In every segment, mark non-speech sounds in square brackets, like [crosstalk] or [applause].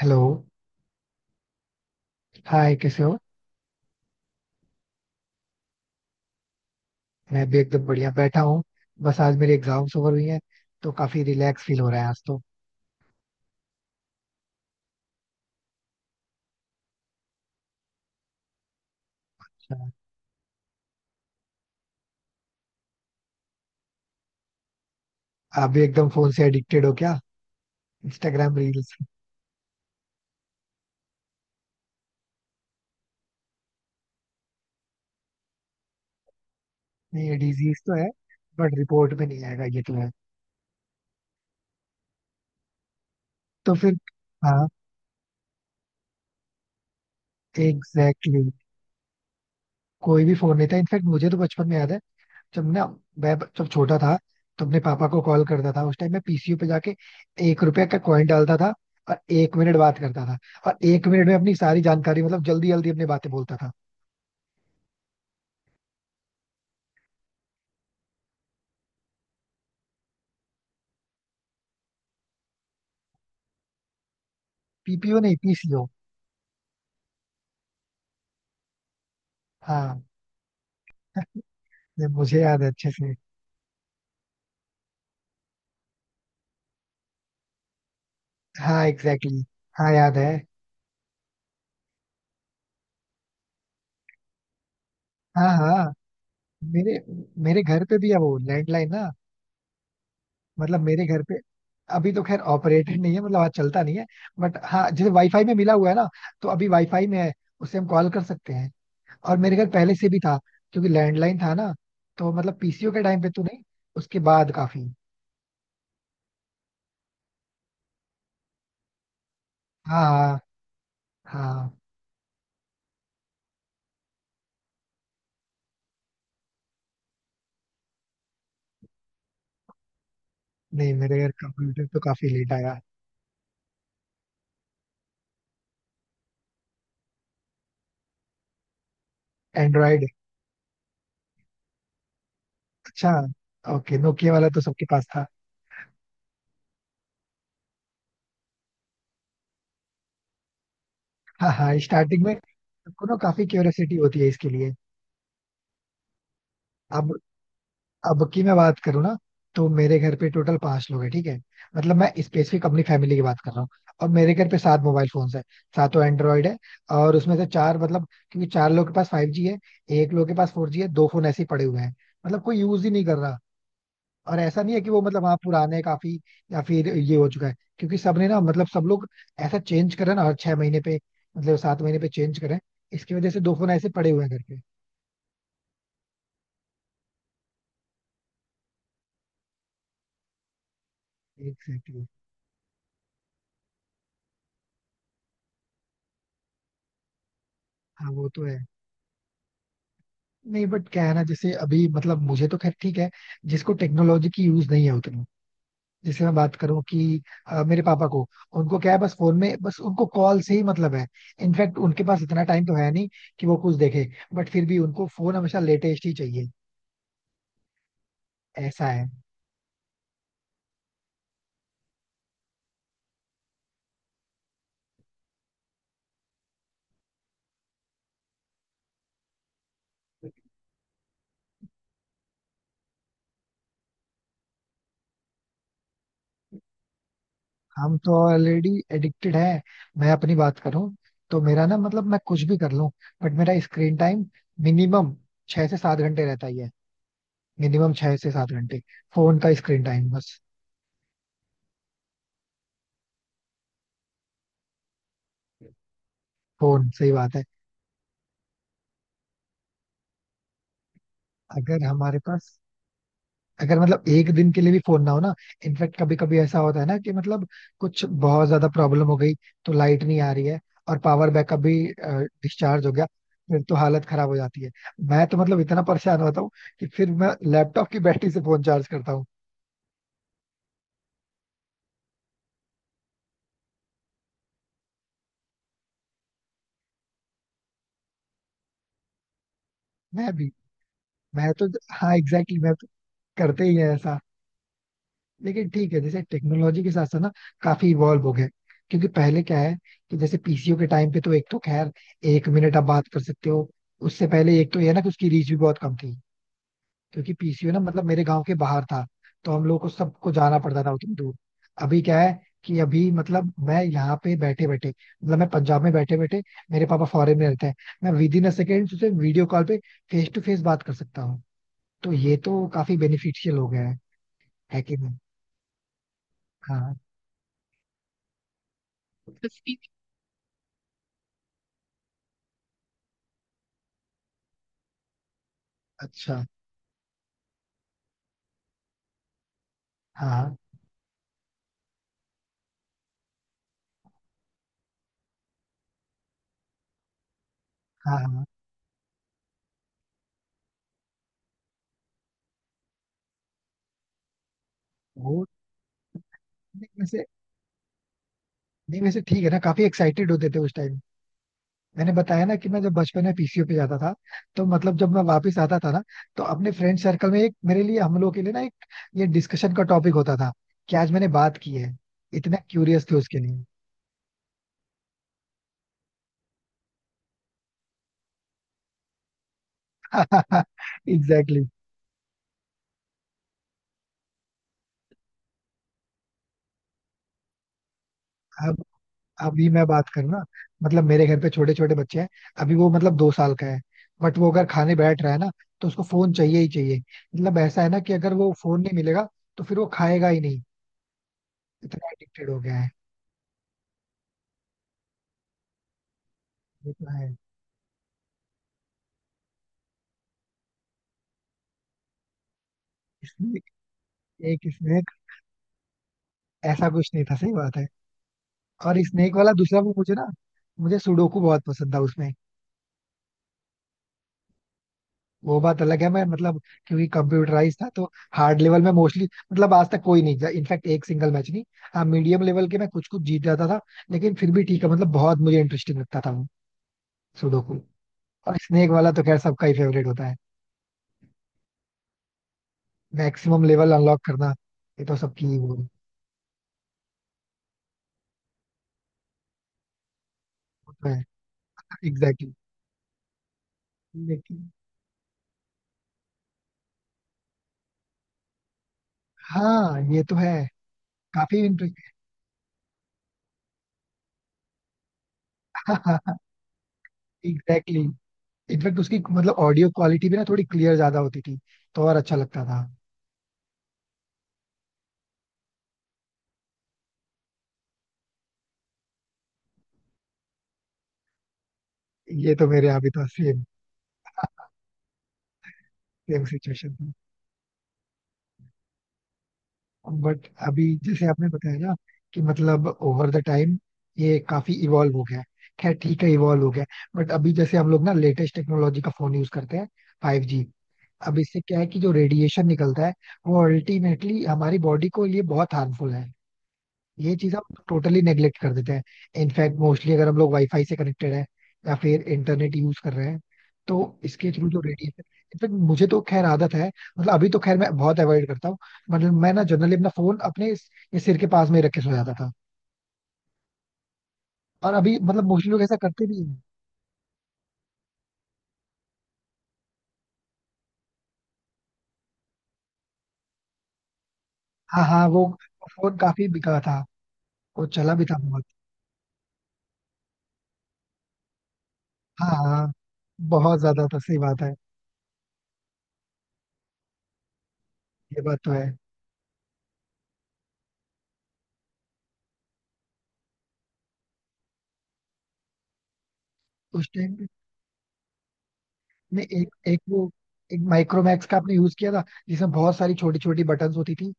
Hello. Hi कैसे हो? मैं भी एकदम बढ़िया बैठा हूँ। बस आज मेरी एग्जाम्स ओवर हुई हैं तो काफी रिलैक्स फील हो रहा है आज तो। आप भी एकदम फोन से एडिक्टेड हो क्या? Instagram reels. नहीं ये डिजीज तो है। बट रिपोर्ट में नहीं आएगा ये तो है। तो फिर। हाँ। Exactly exactly. कोई भी फोन नहीं था, इनफैक्ट मुझे तो बचपन में याद है। जब ना जब छोटा था तो अपने पापा को कॉल करता था, उस टाइम मैं पीसीओ पे जाके 1 रुपया का कॉइन डालता था, और 1 मिनट बात करता था। और 1 मिनट में अपनी सारी जानकारी मतलब जल्दी जल्दी अपनी बातें बोलता था। पीपीओ नहीं, पीसीओ। हाँ, ये मुझे याद है अच्छे से। हाँ एग्जैक्टली, हाँ याद है। हाँ हाँ। मेरे मेरे घर पे भी है वो लैंडलाइन ना। मतलब मेरे घर पे अभी तो खैर ऑपरेटेड नहीं है, मतलब आज चलता नहीं है। बट हाँ, जैसे वाईफाई में मिला हुआ है ना, तो अभी वाईफाई में है। उससे हम कॉल कर सकते हैं। और मेरे घर पहले से भी था, क्योंकि लैंडलाइन था ना। तो मतलब पीसीओ के टाइम पे तो नहीं, उसके बाद काफी। हाँ हाँ हाँ। नहीं, मेरे घर कंप्यूटर तो काफी लेट आया। एंड्रॉइड। अच्छा। ओके नोकिया वाला तो सबके पास था। हाँ हाँ, स्टार्टिंग में सबको ना काफी क्यूरियोसिटी होती है इसके लिए। अब की मैं बात करूँ ना, तो मेरे घर पे टोटल पांच लोग हैं, ठीक है। मतलब मैं स्पेसिफिक अपनी फैमिली की बात कर रहा हूँ। और मेरे घर पे सात मोबाइल फोन्स है। सातों एंड्रॉइड है। और उसमें से चार, मतलब क्योंकि चार लोग के पास फाइव जी है, एक लोग के पास फोर जी है, दो फोन ऐसे ही पड़े हुए हैं। मतलब कोई यूज ही नहीं कर रहा। और ऐसा नहीं है कि वो मतलब, हाँ पुराने काफी, या फिर ये हो चुका है, क्योंकि सबने ना मतलब सब लोग ऐसा चेंज करा ना हर 6 महीने पे, मतलब 7 महीने पे चेंज करें। इसकी वजह से दो फोन ऐसे पड़े हुए हैं करके। एग्जैक्टली। हाँ वो तो है। नहीं बट क्या है ना, जैसे अभी मतलब मुझे तो खैर ठीक है, जिसको टेक्नोलॉजी की यूज नहीं है उतना। जैसे मैं बात करूं कि मेरे पापा को, उनको क्या है बस फोन में, बस उनको कॉल से ही मतलब है। इनफैक्ट उनके पास इतना टाइम तो है नहीं कि वो कुछ देखे, बट फिर भी उनको फोन हमेशा लेटेस्ट ही चाहिए। ऐसा है। हम तो ऑलरेडी एडिक्टेड हैं। मैं अपनी बात करूं तो मेरा ना, मतलब मैं कुछ भी कर लूं, बट मेरा स्क्रीन टाइम मिनिमम 6 से 7 घंटे रहता ही है। मिनिमम 6 से 7 घंटे फोन का स्क्रीन टाइम बस। फोन, सही बात है। अगर हमारे पास, अगर मतलब एक दिन के लिए भी फोन ना हो ना, इनफैक्ट कभी कभी ऐसा होता है ना कि मतलब कुछ बहुत ज्यादा प्रॉब्लम हो गई, तो लाइट नहीं आ रही है और पावर बैकअप भी डिस्चार्ज हो गया, फिर तो हालत खराब हो जाती है। मैं तो मतलब इतना परेशान होता हूँ कि फिर मैं लैपटॉप की बैटरी से फोन चार्ज करता हूँ। मैं भी, मैं तो, हाँ एग्जैक्टली, मैं तो करते ही है ऐसा। लेकिन ठीक है, जैसे टेक्नोलॉजी के साथ साथ ना काफी इवॉल्व हो गए। क्योंकि पहले क्या है, कि जैसे पीसीओ के टाइम पे तो एक तो खैर 1 मिनट आप बात कर सकते हो, उससे पहले एक तो ये ना कि उसकी रीच भी बहुत कम थी, क्योंकि पीसीओ ना मतलब मेरे गांव के बाहर था, तो हम लोग को सबको जाना पड़ता था उतनी दूर। अभी क्या है, कि अभी मतलब मैं यहाँ पे बैठे बैठे, मतलब मैं पंजाब में बैठे बैठे, मेरे पापा फॉरेन में रहते हैं, मैं विद इन अ सेकेंड उसे वीडियो कॉल पे फेस टू फेस बात कर सकता हूँ। तो ये तो काफी बेनिफिशियल हो गया है कि नहीं। हाँ। अच्छा। हाँ हाँ हाँ। हाँ वो। नहीं वैसे, नहीं वैसे ठीक है ना, काफी एक्साइटेड होते थे उस टाइम। मैंने बताया ना कि मैं जब बचपन में पीसीओ पे जाता था, तो मतलब जब मैं वापस आता था ना, तो अपने फ्रेंड सर्कल में एक, मेरे लिए हम लोग के लिए ना एक ये डिस्कशन का टॉपिक होता था, कि आज मैंने बात की है। इतना क्यूरियस थे उसके लिए। [laughs] Exactly exactly. अभी मैं बात करूँ ना, मतलब मेरे घर पे छोटे छोटे बच्चे हैं, अभी वो मतलब 2 साल का है, बट वो अगर खाने बैठ रहा है ना, तो उसको फोन चाहिए ही चाहिए। मतलब ऐसा है ना कि अगर वो फोन नहीं मिलेगा तो फिर वो खाएगा ही नहीं। इतना एडिक्टेड हो गया है। ये तो है। स्नेक, एक स्नेक, ऐसा कुछ नहीं था, सही बात है। और स्नेक वाला दूसरा वो मुझे ना, मुझे सुडोकू बहुत पसंद था उसमें। वो बात अलग है, मैं मतलब क्योंकि कंप्यूटराइज था तो हार्ड लेवल में मोस्टली, मतलब आज तक कोई नहीं जा, इनफैक्ट एक सिंगल मैच नहीं। हाँ, मीडियम लेवल के मैं कुछ कुछ जीत जाता था, लेकिन फिर भी ठीक है, मतलब बहुत मुझे इंटरेस्टिंग लगता था वो सुडोकू। और स्नेक वाला तो खैर सबका ही फेवरेट होता है। मैक्सिमम लेवल अनलॉक करना, ये तो सबकी ही वो तो है। एग्जैक्टली। लेकिन हाँ, ये तो है। काफी इंटरेस्टिंग। एग्जैक्टली। इनफैक्ट [laughs] उसकी मतलब ऑडियो क्वालिटी भी ना थोड़ी क्लियर ज्यादा होती थी, तो और अच्छा लगता था। ये तो मेरे यहाँ भी था सेम। सेम सिचुएशन था। बट अभी जैसे आपने बताया ना, कि मतलब ओवर द टाइम ये काफी इवॉल्व हो गया है। खैर ठीक है इवॉल्व हो गया है, बट अभी जैसे हम लोग ना लेटेस्ट टेक्नोलॉजी का फोन यूज करते हैं, फाइव जी। अब इससे क्या है कि जो रेडिएशन निकल्ता है वो अल्टीमेटली हमारी बॉडी को लिए बहुत हार्मफुल है। ये चीज हम टोटली नेग्लेक्ट कर देते हैं। इनफैक्ट मोस्टली अगर हम लोग वाईफाई से कनेक्टेड है या फिर इंटरनेट यूज कर रहे हैं, तो इसके थ्रू जो रेडिएशन, इनफैक्ट मुझे तो खैर आदत है। मतलब अभी तो खैर मैं बहुत अवॉइड करता हूँ, मतलब मैं ना जनरली अपना फोन अपने ये सिर के पास में ही रख के सो जाता था। और अभी मतलब मोस्टली लोग ऐसा करते भी हैं। हाँ हाँ। वो फोन काफी बिका था। वो चला भी था बहुत। हाँ हाँ। बहुत ज्यादा था, सही बात है। ये बात तो है। उस टाइम, नहीं एक एक वो, एक माइक्रोमैक्स का आपने यूज किया था, जिसमें बहुत सारी छोटी छोटी बटन्स होती थी,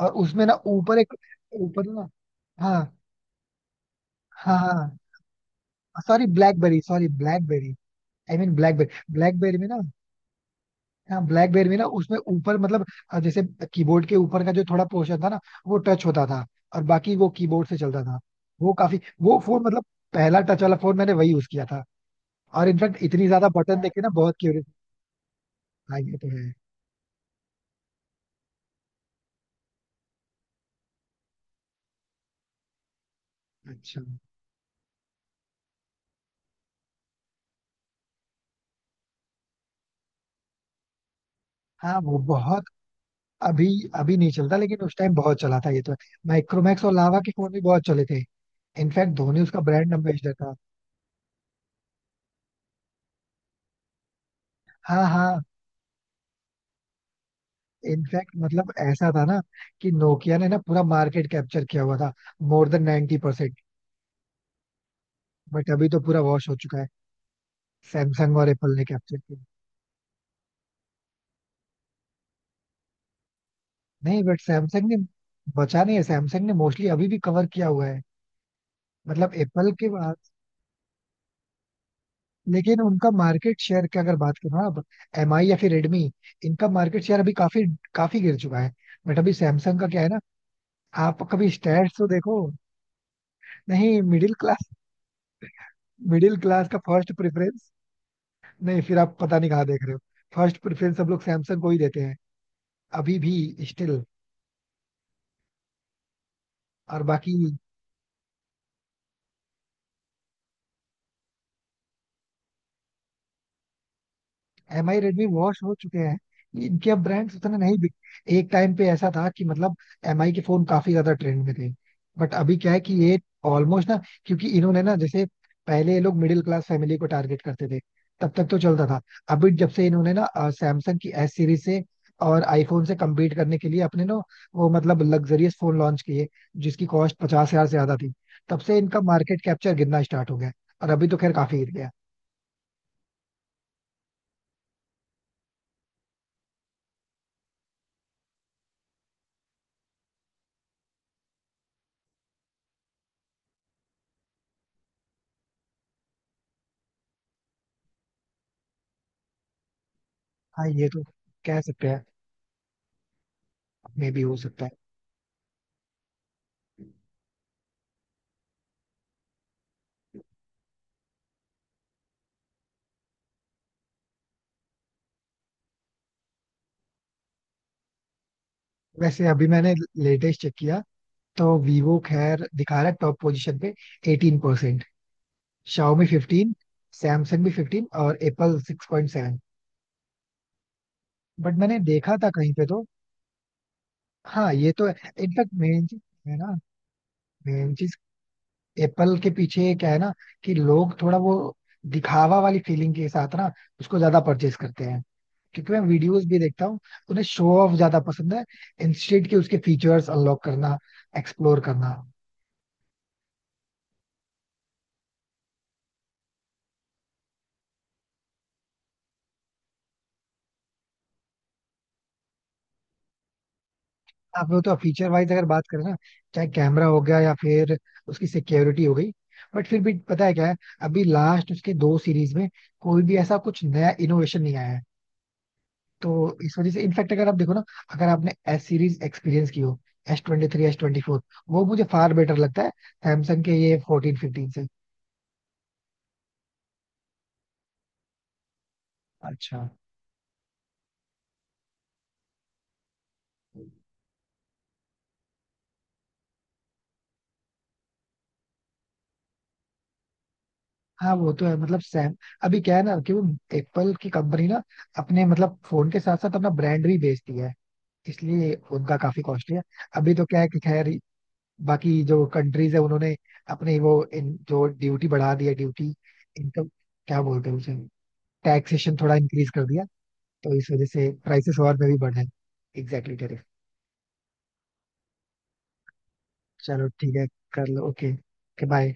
और उसमें ना ऊपर एक, ऊपर ना। हाँ हाँ हाँ। Sorry BlackBerry, sorry BlackBerry. I mean BlackBerry, BlackBerry में ना। हाँ, ब्लैकबेरी में ना उसमें ऊपर मतलब जैसे कीबोर्ड के ऊपर का जो थोड़ा पोर्शन था ना, वो टच होता था, और बाकी वो कीबोर्ड से चलता था। वो काफी वो फोन मतलब पहला टच वाला फोन मैंने वही यूज किया था। और इनफैक्ट इतनी ज्यादा बटन देखे ना, बहुत क्यूरियस। हाँ, ये तो है। अच्छा। हाँ वो बहुत। अभी अभी नहीं चलता, लेकिन उस टाइम बहुत चला था, ये तो। माइक्रोमैक्स और लावा के फोन भी बहुत चले थे। इनफैक्ट धोनी उसका ब्रांड एम्बेसडर था। हाँ हाँ। इनफैक्ट मतलब ऐसा था ना कि नोकिया ने ना पूरा मार्केट कैप्चर किया हुआ था, मोर देन 90% परसेंट। बट अभी तो पूरा वॉश हो चुका है। सैमसंग और एप्पल ने कैप्चर किया। नहीं बट सैमसंग ने, बचा नहीं है, सैमसंग ने मोस्टली अभी भी कवर किया हुआ है, मतलब एप्पल के बाद। लेकिन उनका मार्केट शेयर की अगर बात करो ना अब, एम आई या फिर रेडमी, इनका मार्केट शेयर अभी काफी काफी गिर चुका है। बट अभी सैमसंग का क्या है ना, आप कभी स्टैट्स तो देखो। नहीं मिडिल क्लास, मिडिल क्लास का फर्स्ट प्रेफरेंस, नहीं फिर आप पता नहीं कहाँ देख रहे हो। फर्स्ट प्रेफरेंस सब लोग सैमसंग को ही देते हैं, अभी भी स्टिल। और बाकी एम आई रेडमी वॉश हो चुके हैं, इनके अब ब्रांड्स उतने नहीं बिक। एक टाइम पे ऐसा था कि मतलब एम आई के फोन काफी ज्यादा ट्रेंड में थे, बट अभी क्या है कि ये ऑलमोस्ट ना, क्योंकि इन्होंने ना, जैसे पहले ये लोग मिडिल क्लास फैमिली को टारगेट करते थे, तब तक तो चलता था। अभी जब से इन्होंने ना सैमसंग की एस सीरीज से और आईफोन से compete करने के लिए अपने ना वो मतलब लग्जरियस फोन लॉन्च किए, जिसकी कॉस्ट 50,000 से ज्यादा थी, तब से इनका मार्केट कैप्चर गिरना स्टार्ट हो गया है। और अभी तो खैर काफी गिर गया। हाँ ये तो कह सकते हैं, मे भी हो सकता है। वैसे अभी मैंने लेटेस्ट चेक किया, तो वीवो खैर दिखा रहा है टॉप पोजीशन पे 18%, शाओमी 15, सैमसंग भी 15 और एप्पल 6.7। बट मैंने देखा था कहीं पे तो। हाँ, ये तो है। इनफैक्ट मेन चीज है ना, मेन चीज एप्पल के पीछे क्या है ना, कि लोग थोड़ा वो दिखावा वाली फीलिंग के साथ ना उसको ज्यादा परचेज करते हैं, क्योंकि मैं वीडियोस भी देखता हूँ, उन्हें शो ऑफ ज्यादा पसंद है, इंस्टेड कि उसके फीचर्स अनलॉक करना, एक्सप्लोर करना। आप लोग तो फीचर वाइज अगर बात करें ना, चाहे कैमरा हो गया या फिर उसकी सिक्योरिटी हो गई, बट फिर भी पता है क्या है, अभी लास्ट उसके दो सीरीज में कोई भी ऐसा कुछ नया इनोवेशन नहीं आया है। तो इस वजह से इनफैक्ट अगर आप देखो ना, अगर आपने एस सीरीज एक्सपीरियंस की हो, S twenty three, S twenty four, वो मुझे फार बेटर लगता है सैमसंग के ये फोर्टीन फिफ्टीन से। अच्छा। हाँ वो तो है मतलब सैम, अभी क्या है ना कि वो एप्पल की कंपनी ना अपने मतलब फोन के साथ साथ अपना ब्रांड भी बेचती है, इसलिए उनका काफी कॉस्टली है। अभी तो क्या है कि खैर बाकी जो कंट्रीज है, उन्होंने अपनी वो जो ड्यूटी बढ़ा दी है, ड्यूटी, इनकम, क्या बोलते हैं उसे, टैक्सेशन थोड़ा इंक्रीज कर दिया। तो इस वजह से प्राइसेस और में भी बढ़े। Exactly, tariff। चलो ठीक है, कर लो, ओके। बाय।